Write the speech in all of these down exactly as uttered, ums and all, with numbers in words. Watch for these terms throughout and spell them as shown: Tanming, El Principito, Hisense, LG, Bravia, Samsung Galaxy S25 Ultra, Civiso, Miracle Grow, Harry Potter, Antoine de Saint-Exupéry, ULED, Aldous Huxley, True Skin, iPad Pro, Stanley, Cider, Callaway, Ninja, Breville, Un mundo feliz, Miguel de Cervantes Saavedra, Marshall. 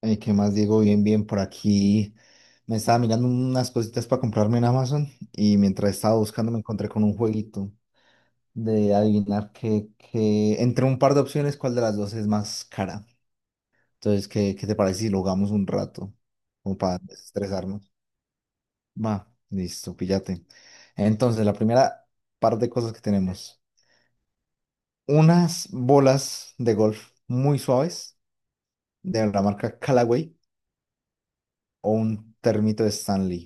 Eh, ¿qué más, Diego? Bien, bien, por aquí me estaba mirando unas cositas para comprarme en Amazon y mientras estaba buscando me encontré con un jueguito de adivinar que, que entre un par de opciones cuál de las dos es más cara. Entonces, ¿qué, qué te parece si lo jugamos un rato? Como para desestresarnos. Va, listo, píllate. Entonces, la primera par de cosas que tenemos. Unas bolas de golf muy suaves de la marca Callaway o un termito de Stanley.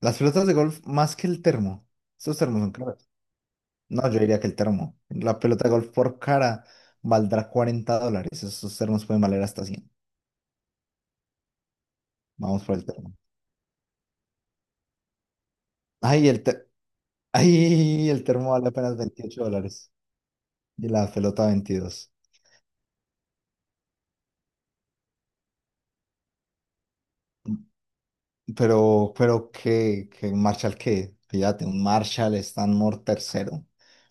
Las pelotas de golf más que el termo. Esos termos son caros. No, yo diría que el termo. La pelota de golf por cara valdrá cuarenta dólares. Esos termos pueden valer hasta cien. Vamos por el termo. Ay, el, te- Ay, el termo vale apenas veintiocho dólares. Y la pelota veintidós. Pero, pero, ¿qué? ¿Qué Marshall qué? Fíjate, un Marshall Stanmore tercero.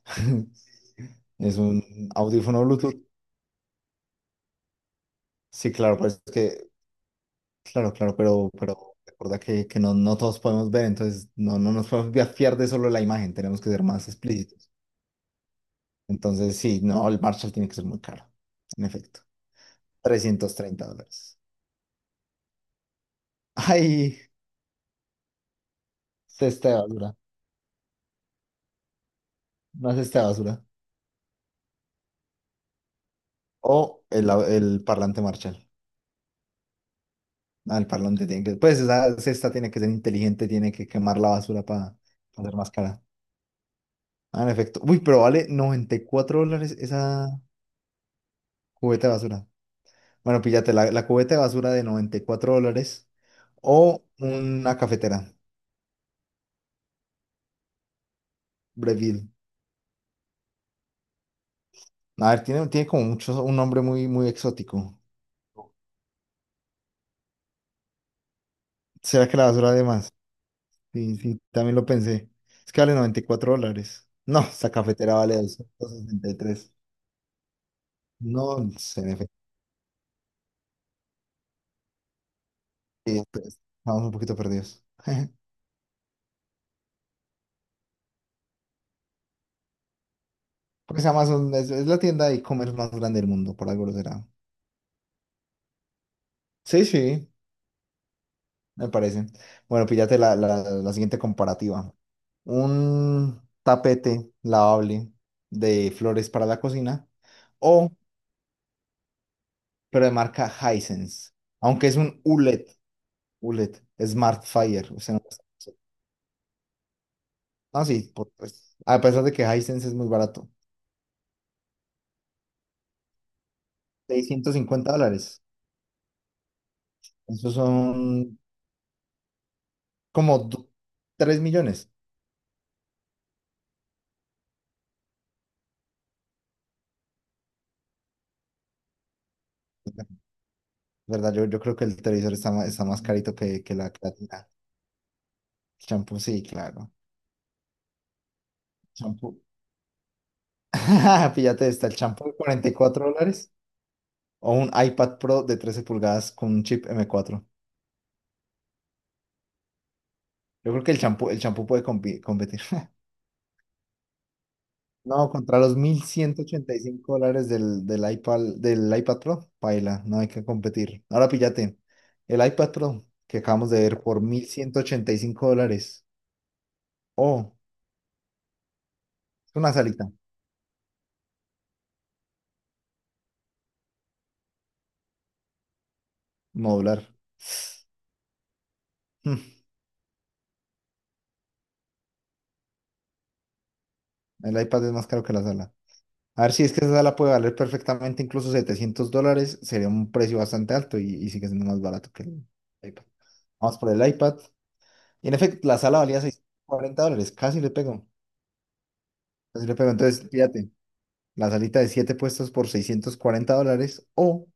Es un audífono Bluetooth. Sí, claro, pues es que claro, claro, pero, pero recuerda que, que no, no todos podemos ver, entonces no, no nos podemos via- fiar de solo la imagen, tenemos que ser más explícitos. Entonces, sí, no, el Marshall tiene que ser muy caro, en efecto. Trescientos treinta dólares. Ay, cesta de basura, Una cesta de basura. O el, au- el parlante Marshall. Ah, el parlante tiene que, pues esa cesta tiene que ser inteligente, tiene que quemar la basura para hacer más cara. Ah, en efecto. Uy, pero vale noventa y cuatro dólares esa cubeta de basura. Bueno, píllate la, la cubeta de basura de noventa y cuatro dólares o una cafetera Breville. A ver, tiene, tiene como mucho, un nombre muy, muy exótico. ¿Será que la basura de más? Sí, sí, también lo pensé. Es que vale noventa y cuatro dólares. No, esta cafetera vale doscientos sesenta y tres. No sé, en efecto, sí, pues, estamos un poquito perdidos. Porque es Amazon, es, es la tienda de e-commerce más grande del mundo, por algo lo será. Sí, sí, me parece. Bueno, píllate la, la, la siguiente comparativa. Un tapete lavable de flores para la cocina o, pero de marca Hisense, aunque es un U L E D, U L E D, Smart Fire. Usted no, no, sí, por- pues, a pesar de que Hisense es muy barato, seiscientos cincuenta dólares. Esos son como do- tres millones. ¿Verdad? Yo, yo creo que el televisor está más, está más carito que, que la creatina. Champú, sí, claro. Champú. Fíjate, está el champú de cuarenta y cuatro dólares o un iPad Pro de trece pulgadas con un chip m cuatro. Yo creo que el champú, el champú puede compi- competir. No, contra los mil ciento ochenta y cinco dólares del, del iPad, del iPad Pro, paila, no hay que competir. Ahora píllate, el iPad Pro que acabamos de ver por mil ciento ochenta y cinco dólares. Oh, es una salita modular. Mm, el iPad es más caro que la sala. A ver si es que esa sala puede valer perfectamente incluso setecientos dólares, sería un precio bastante alto y, y sigue siendo más barato que el iPad. Vamos por el iPad. Y en efecto, la sala valía seiscientos cuarenta dólares, casi le pego, casi le pego. Entonces, fíjate, la salita de siete puestos por seiscientos cuarenta dólares o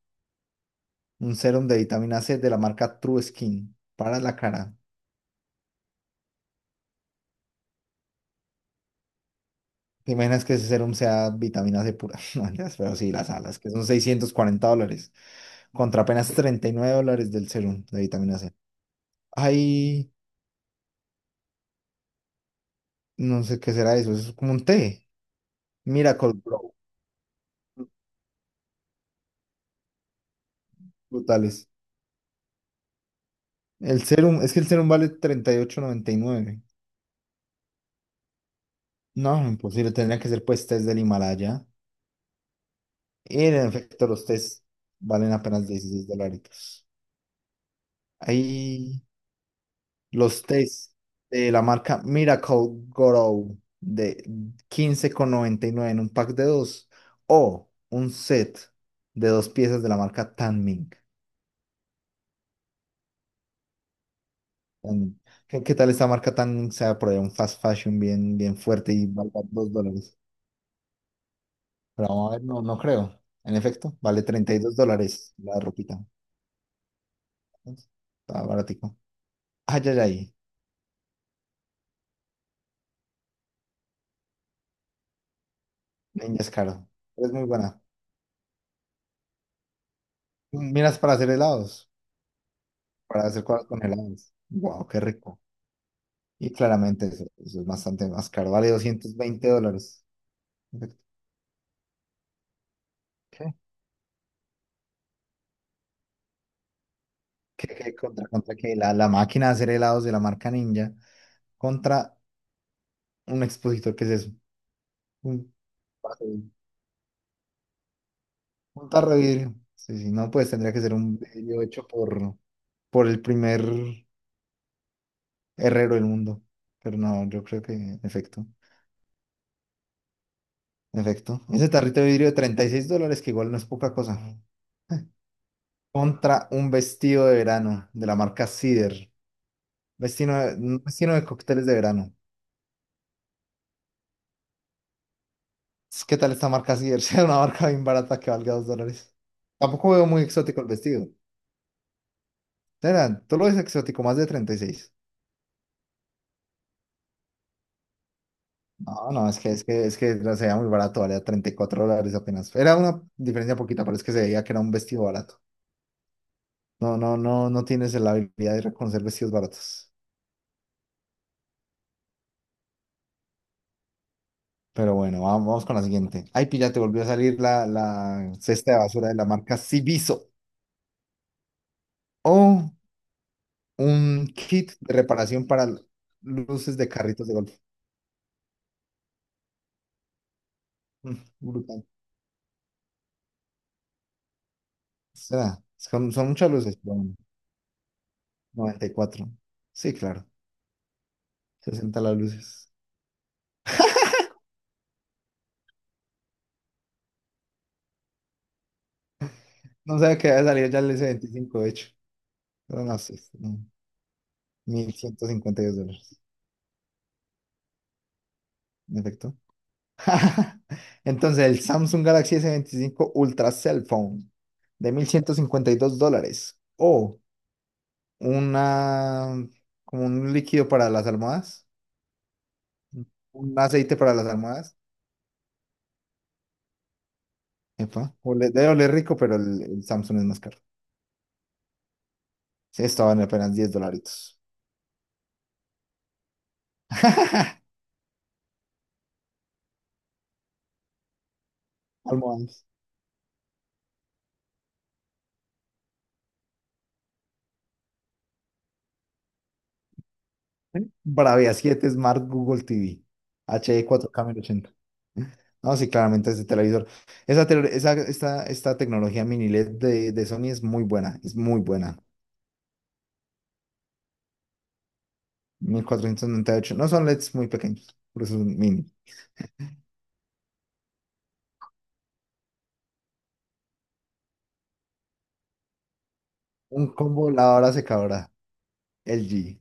un serum de vitamina C de la marca True Skin para la cara. ¿Te imaginas que ese serum sea vitamina C pura? No, mentiras, pero sí, las alas, que son seiscientos cuarenta dólares, contra apenas treinta y nueve dólares del serum de vitamina C. Ay. No sé qué será eso, eso es como un té. Miracle Grow, brutales. El serum, es que el serum vale treinta y y ocho noventa y nueve. No, imposible, tendría que ser pues test del Himalaya. Y en efecto, los test valen apenas dieciséis dólares. Ahí los test de la marca Miracle Grow de quince con noventa y nueve en un pack de dos o un set de dos piezas de la marca Tanming. tan- ¿Qué, qué tal esta marca tan, o sea, por ahí un fast fashion bien, bien fuerte y valga dos dólares? Pero vamos a ver, no, no creo. En efecto, vale treinta y dos dólares la ropita. Entonces, está baratico. Ay, ay, ay. Ninja es caro. Es muy buena. Miras para hacer helados, para hacer cosas con helados. Wow, qué rico. Y claramente eso, eso es bastante más caro. Vale doscientos veinte dólares. Perfecto. ¿Qué? ¿Qué, qué contra, contra qué? La, la máquina de hacer helados de la marca Ninja contra un expositor que es eso. Mm. Sí. Un tarro de vidrio. Sí, sí, no, pues tendría que ser un vidrio hecho por, por el primer herrero del mundo. Pero no, yo creo que, en efecto, en efecto. Ese tarrito de vidrio de treinta y seis dólares, que igual no es poca cosa. Contra un vestido de verano de la marca Cider. Vestido de, un vestido de cócteles de verano. Pues, ¿qué tal esta marca Cider? Sea una marca bien barata que valga dos dólares. Tampoco veo muy exótico el vestido. Será, ¿tú lo ves exótico, más de treinta y seis? No, no, es que, es que, es que la- se veía muy barato, valía treinta y cuatro dólares apenas. Era una diferencia poquita, pero es que se veía que era un vestido barato. No, no, no, no tienes la habilidad de reconocer vestidos baratos. Pero bueno, vamos, vamos con la siguiente. Ay, pilla, te volvió a salir la, la cesta de basura de la marca Civiso. O un kit de reparación para luces de carritos de golf. Mm, brutal. Será. Son, son muchas luces, pero bueno, noventa y cuatro. Sí, claro. Sesenta las luces. No sé qué había salido ya el s veinticinco de hecho. No, no, sí, sí, no. Mil ciento cincuenta y dos dólares, en efecto. Entonces, el Samsung Galaxy s veinticinco Ultra Cell Phone de mil ciento cincuenta y dos dólares o una, como un líquido para las almohadas, un aceite para las almohadas. Epa, ole- debe oler rico, pero el, el Samsung es más caro. Sí, estaban apenas diez dolaritos. Almohadas. Bravia siete Smart Google T V H D cuatro K. No, sí, claramente ese televisor. Esa, tele- esa- esta, esta tecnología mini L E D de, de Sony es muy buena, es muy buena. Mil cuatrocientos noventa y ocho. No son L E Ds muy pequeños, por eso son mini. Un combo lavadora secadora L G.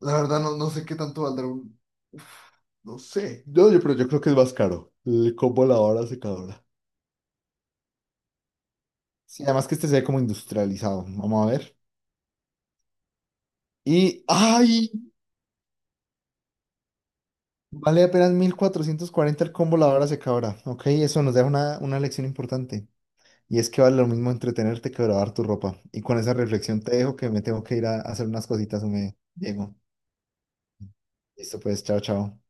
La verdad, no, no sé qué tanto valdrá un... Uf, no sé. Yo, yo- pero yo creo que es más caro. El combo lavadora secadora. Sí, además que este se ve como industrializado. Vamos a ver. Y, ¡ay! Vale apenas mil cuatrocientos cuarenta el combo lavadora secadora. Ok, eso nos deja una, una lección importante. Y es que vale lo mismo entretenerte que lavar tu ropa. Y con esa reflexión te dejo que me tengo que ir a hacer unas cositas, me Diego. Listo, pues, chao, chao.